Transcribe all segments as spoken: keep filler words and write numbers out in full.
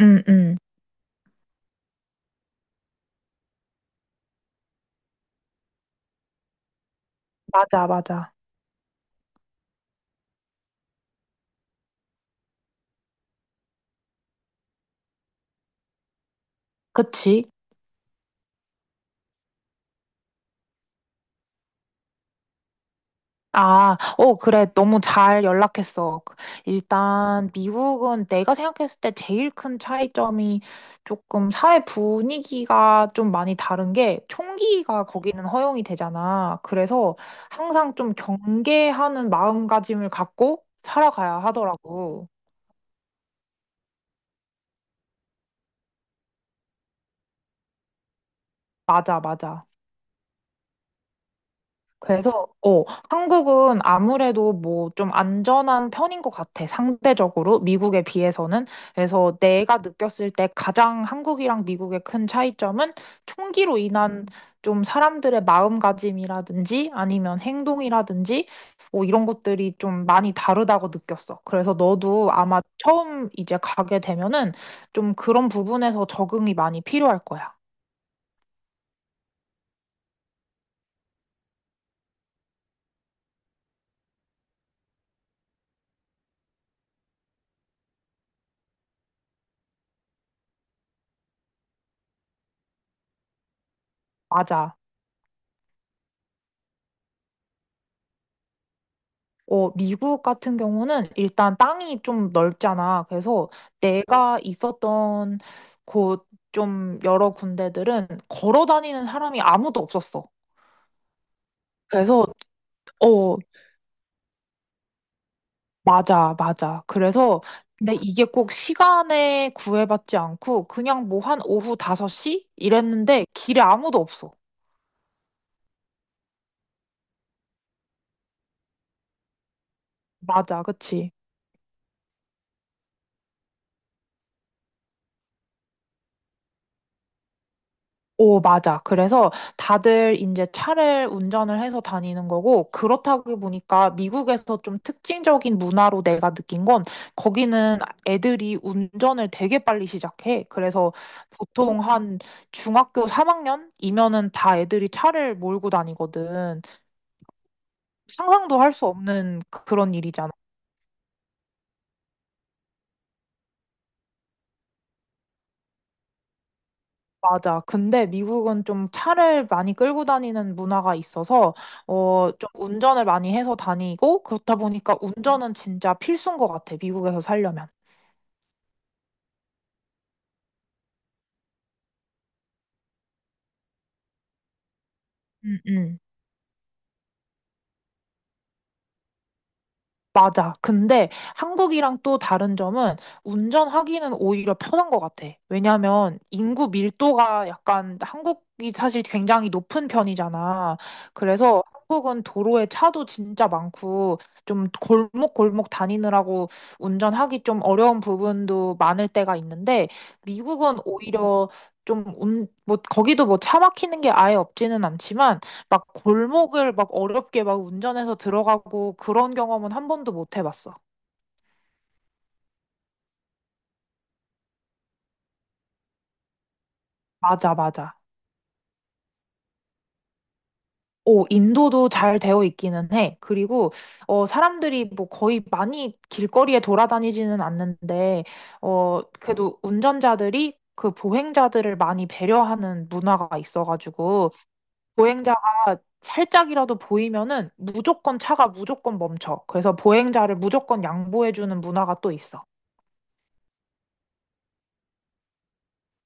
응, 응. 맞아, 맞아. 그치? 아, 어, 그래. 너무 잘 연락했어. 그- 일단, 미국은 내가 생각했을 때 제일 큰 차이점이 조금 사회 분위기가 좀 많이 다른 게 총기가 거기는 허용이 되잖아. 그래서 항상 좀 경계하는 마음가짐을 갖고 살아가야 하더라고. 맞아, 맞아. 그래서, 어, 한국은 아무래도 뭐 좀 안전한 편인 것 같아, 상대적으로. 미국에 비해서는. 그래서 내가 느꼈을 때 가장 한국이랑 미국의 큰 차이점은 총기로 인한 좀 사람들의 마음가짐이라든지 아니면 행동이라든지 뭐 이런 것들이 좀 많이 다르다고 느꼈어. 그래서 너도 아마 처음 이제 가게 되면은 좀 그런 부분에서 적응이 많이 필요할 거야. 맞아. 어, 미국 같은 경우는 일단 땅이 좀 넓잖아. 그래서 내가 있었던 곳 좀 여러 군데들은 걸어 다니는 사람이 아무도 없었어. 그래서, 어, 맞아, 맞아. 그래서, 근데 이게 꼭 시간에 구애받지 않고 그냥 뭐 한 오후 다섯 시? 이랬는데 길에 아무도 없어. 맞아, 그치? 오, 맞아. 그래서 다들 이제 차를 운전을 해서 다니는 거고, 그렇다고 보니까 미국에서 좀 특징적인 문화로 내가 느낀 건, 거기는 애들이 운전을 되게 빨리 시작해. 그래서 보통 한 중학교 삼 학년이면은 다 애들이 차를 몰고 다니거든. 상상도 할 수 없는 그런 일이잖아. 맞아. 근데 미국은 좀 차를 많이 끌고 다니는 문화가 있어서, 어, 좀 운전을 많이 해서 다니고, 그렇다 보니까 운전은 진짜 필수인 것 같아. 미국에서 살려면. 음, 음. 맞아. 근데 한국이랑 또 다른 점은 운전하기는 오히려 편한 것 같아. 왜냐하면 인구 밀도가 약간 한국이 사실 굉장히 높은 편이잖아. 그래서 한국은 도로에 차도 진짜 많고 좀 골목골목 다니느라고 운전하기 좀 어려운 부분도 많을 때가 있는데 미국은 오히려 좀 운, 뭐 거기도 뭐 차 막히는 게 아예 없지는 않지만 막 골목을 막 어렵게 막 운전해서 들어가고 그런 경험은 한 번도 못 해봤어. 맞아, 맞아. 오, 인도도 잘 되어 있기는 해. 그리고, 어, 사람들이 뭐 거의 많이 길거리에 돌아다니지는 않는데, 어, 그래도 운전자들이 그 보행자들을 많이 배려하는 문화가 있어가지고, 보행자가 살짝이라도 보이면은 무조건 차가 무조건 멈춰. 그래서 보행자를 무조건 양보해주는 문화가 또 있어.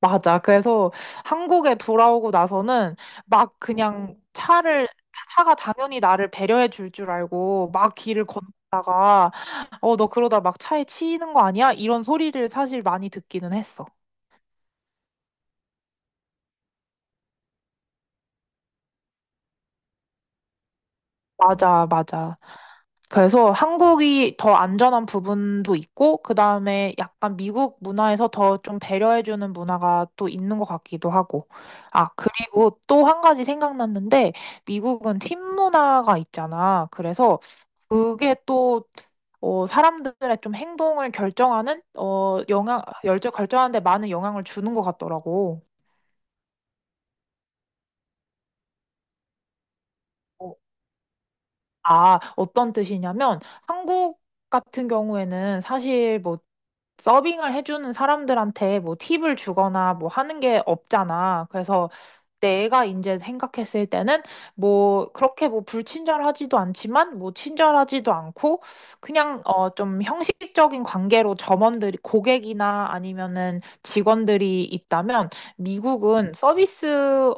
맞아. 그래서 한국에 돌아오고 나서는 막 그냥 차를, 차가 당연히 나를 배려해 줄 줄 알고 막 길을 걷다가, 어, 너 그러다 막 차에 치이는 거 아니야? 이런 소리를 사실 많이 듣기는 했어. 맞아, 맞아. 그래서 한국이 더 안전한 부분도 있고, 그 다음에 약간 미국 문화에서 더 좀 배려해주는 문화가 또 있는 것 같기도 하고. 아, 그리고 또 한 가지 생각났는데, 미국은 팀 문화가 있잖아. 그래서 그게 또, 어, 사람들의 좀 행동을 결정하는, 어, 영향, 열정 결정하는 데 많은 영향을 주는 것 같더라고. 아, 어떤 뜻이냐면 한국 같은 경우에는 사실 뭐 서빙을 해주는 사람들한테 뭐 팁을 주거나 뭐 하는 게 없잖아. 그래서 내가 이제 생각했을 때는 뭐 그렇게 뭐 불친절하지도 않지만 뭐 친절하지도 않고 그냥 어 좀 형식적인 관계로 점원들이 고객이나 아니면은 직원들이 있다면 미국은 서비스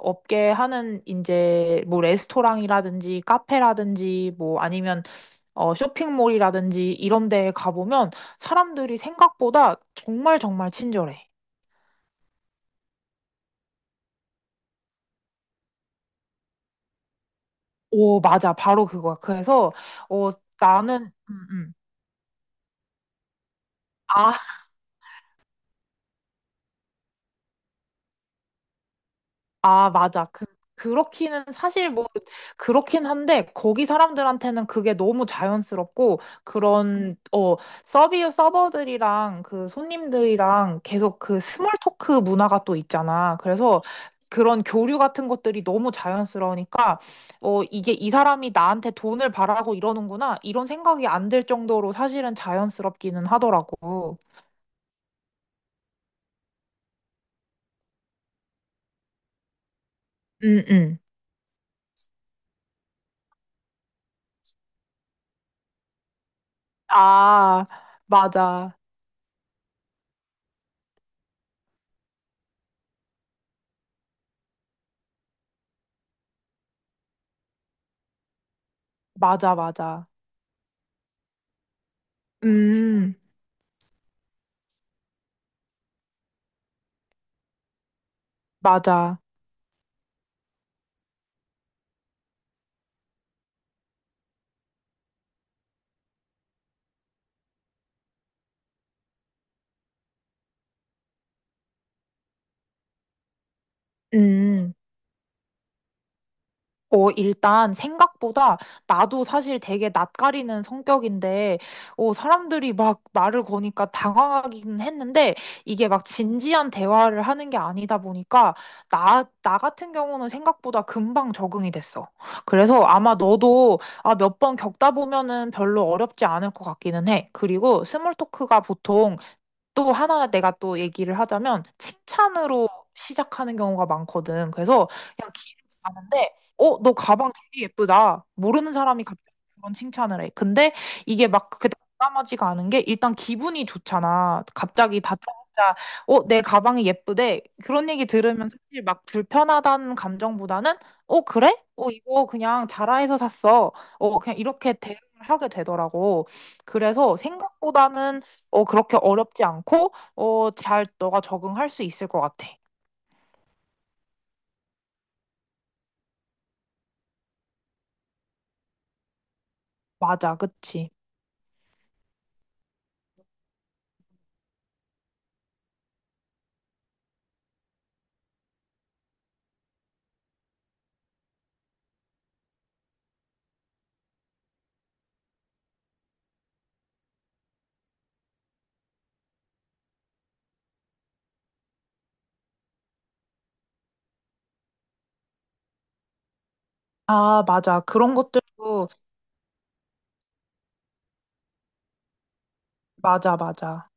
업계 하는 이제 뭐 레스토랑이라든지 카페라든지 뭐 아니면 어 쇼핑몰이라든지 이런 데에 가보면 사람들이 생각보다 정말 정말 친절해. 오, 맞아. 바로 그거야. 그래서 어 나는 음, 음. 아, 아, 맞아. 그, 그렇기는 사실 뭐, 그렇긴 한데, 거기 사람들한테는 그게 너무 자연스럽고, 그런, 어, 서비 서버들이랑 그 손님들이랑 계속 그 스몰 토크 문화가 또 있잖아. 그래서 그런 교류 같은 것들이 너무 자연스러우니까, 어, 이게 이 사람이 나한테 돈을 바라고 이러는구나. 이런 생각이 안 들 정도로 사실은 자연스럽기는 하더라고. 응, 응. 아, 맞아. 맞아, 맞아. 음. 맞아. 음. 어, 일단 생각보다 나도 사실 되게 낯가리는 성격인데, 어, 사람들이 막 말을 거니까 당황하긴 했는데, 이게 막 진지한 대화를 하는 게 아니다 보니까, 나, 나 같은 경우는 생각보다 금방 적응이 됐어. 그래서 아마 너도 아, 몇 번 겪다 보면은 별로 어렵지 않을 것 같기는 해. 그리고 스몰 토크가 보통 또 하나 내가 또 얘기를 하자면 칭찬으로 시작하는 경우가 많거든. 그래서 그냥 길에서 가는데 어, 너 가방 되게 예쁘다. 모르는 사람이 갑자기 그런 칭찬을 해. 근데 이게 막 그게 담아지가 않은 게 일단 기분이 좋잖아. 갑자기 다짜고짜 어, 내 가방이 예쁘대. 그런 얘기 들으면 사실 막 불편하다는 감정보다는 어, 그래? 어, 이거 그냥 자라에서 샀어. 어, 그냥 이렇게 대응을 하게 되더라고. 그래서 생각보다는 어, 그렇게 어렵지 않고, 어, 잘 너가 적응할 수 있을 것 같아. 맞아, 그치? 아, 맞아. 그런 것들도, 맞아, 맞아.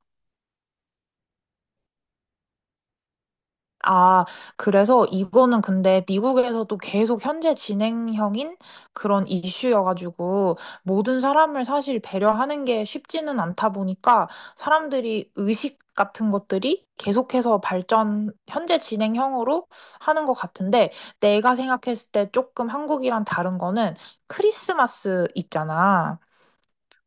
아, 그래서 이거는 근데 미국에서도 계속 현재 진행형인 그런 이슈여가지고 모든 사람을 사실 배려하는 게 쉽지는 않다 보니까 사람들이 의식 같은 것들이 계속해서 발전, 현재 진행형으로 하는 것 같은데 내가 생각했을 때 조금 한국이랑 다른 거는 크리스마스 있잖아.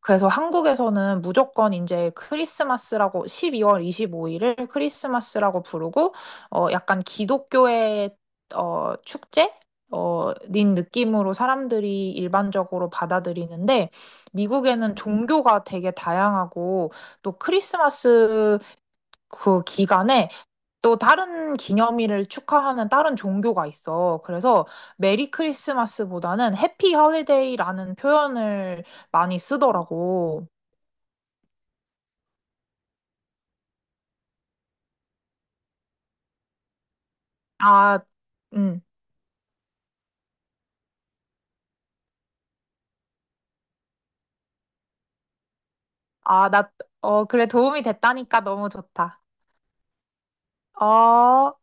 그래서 한국에서는 무조건 이제 크리스마스라고 십이월 25 일을 크리스마스라고 부르고 어 약간 기독교의 어 축제 어 인 느낌으로 사람들이 일반적으로 받아들이는데 미국에는 종교가 되게 다양하고 또 크리스마스 그 기간에 또 다른 기념일을 축하하는 다른 종교가 있어. 그래서 메리 크리스마스보다는 해피 홀리데이라는 표현을 많이 쓰더라고. 아, 음. 아, 나, 어, 그래, 도움이 됐다니까 너무 좋다. 어.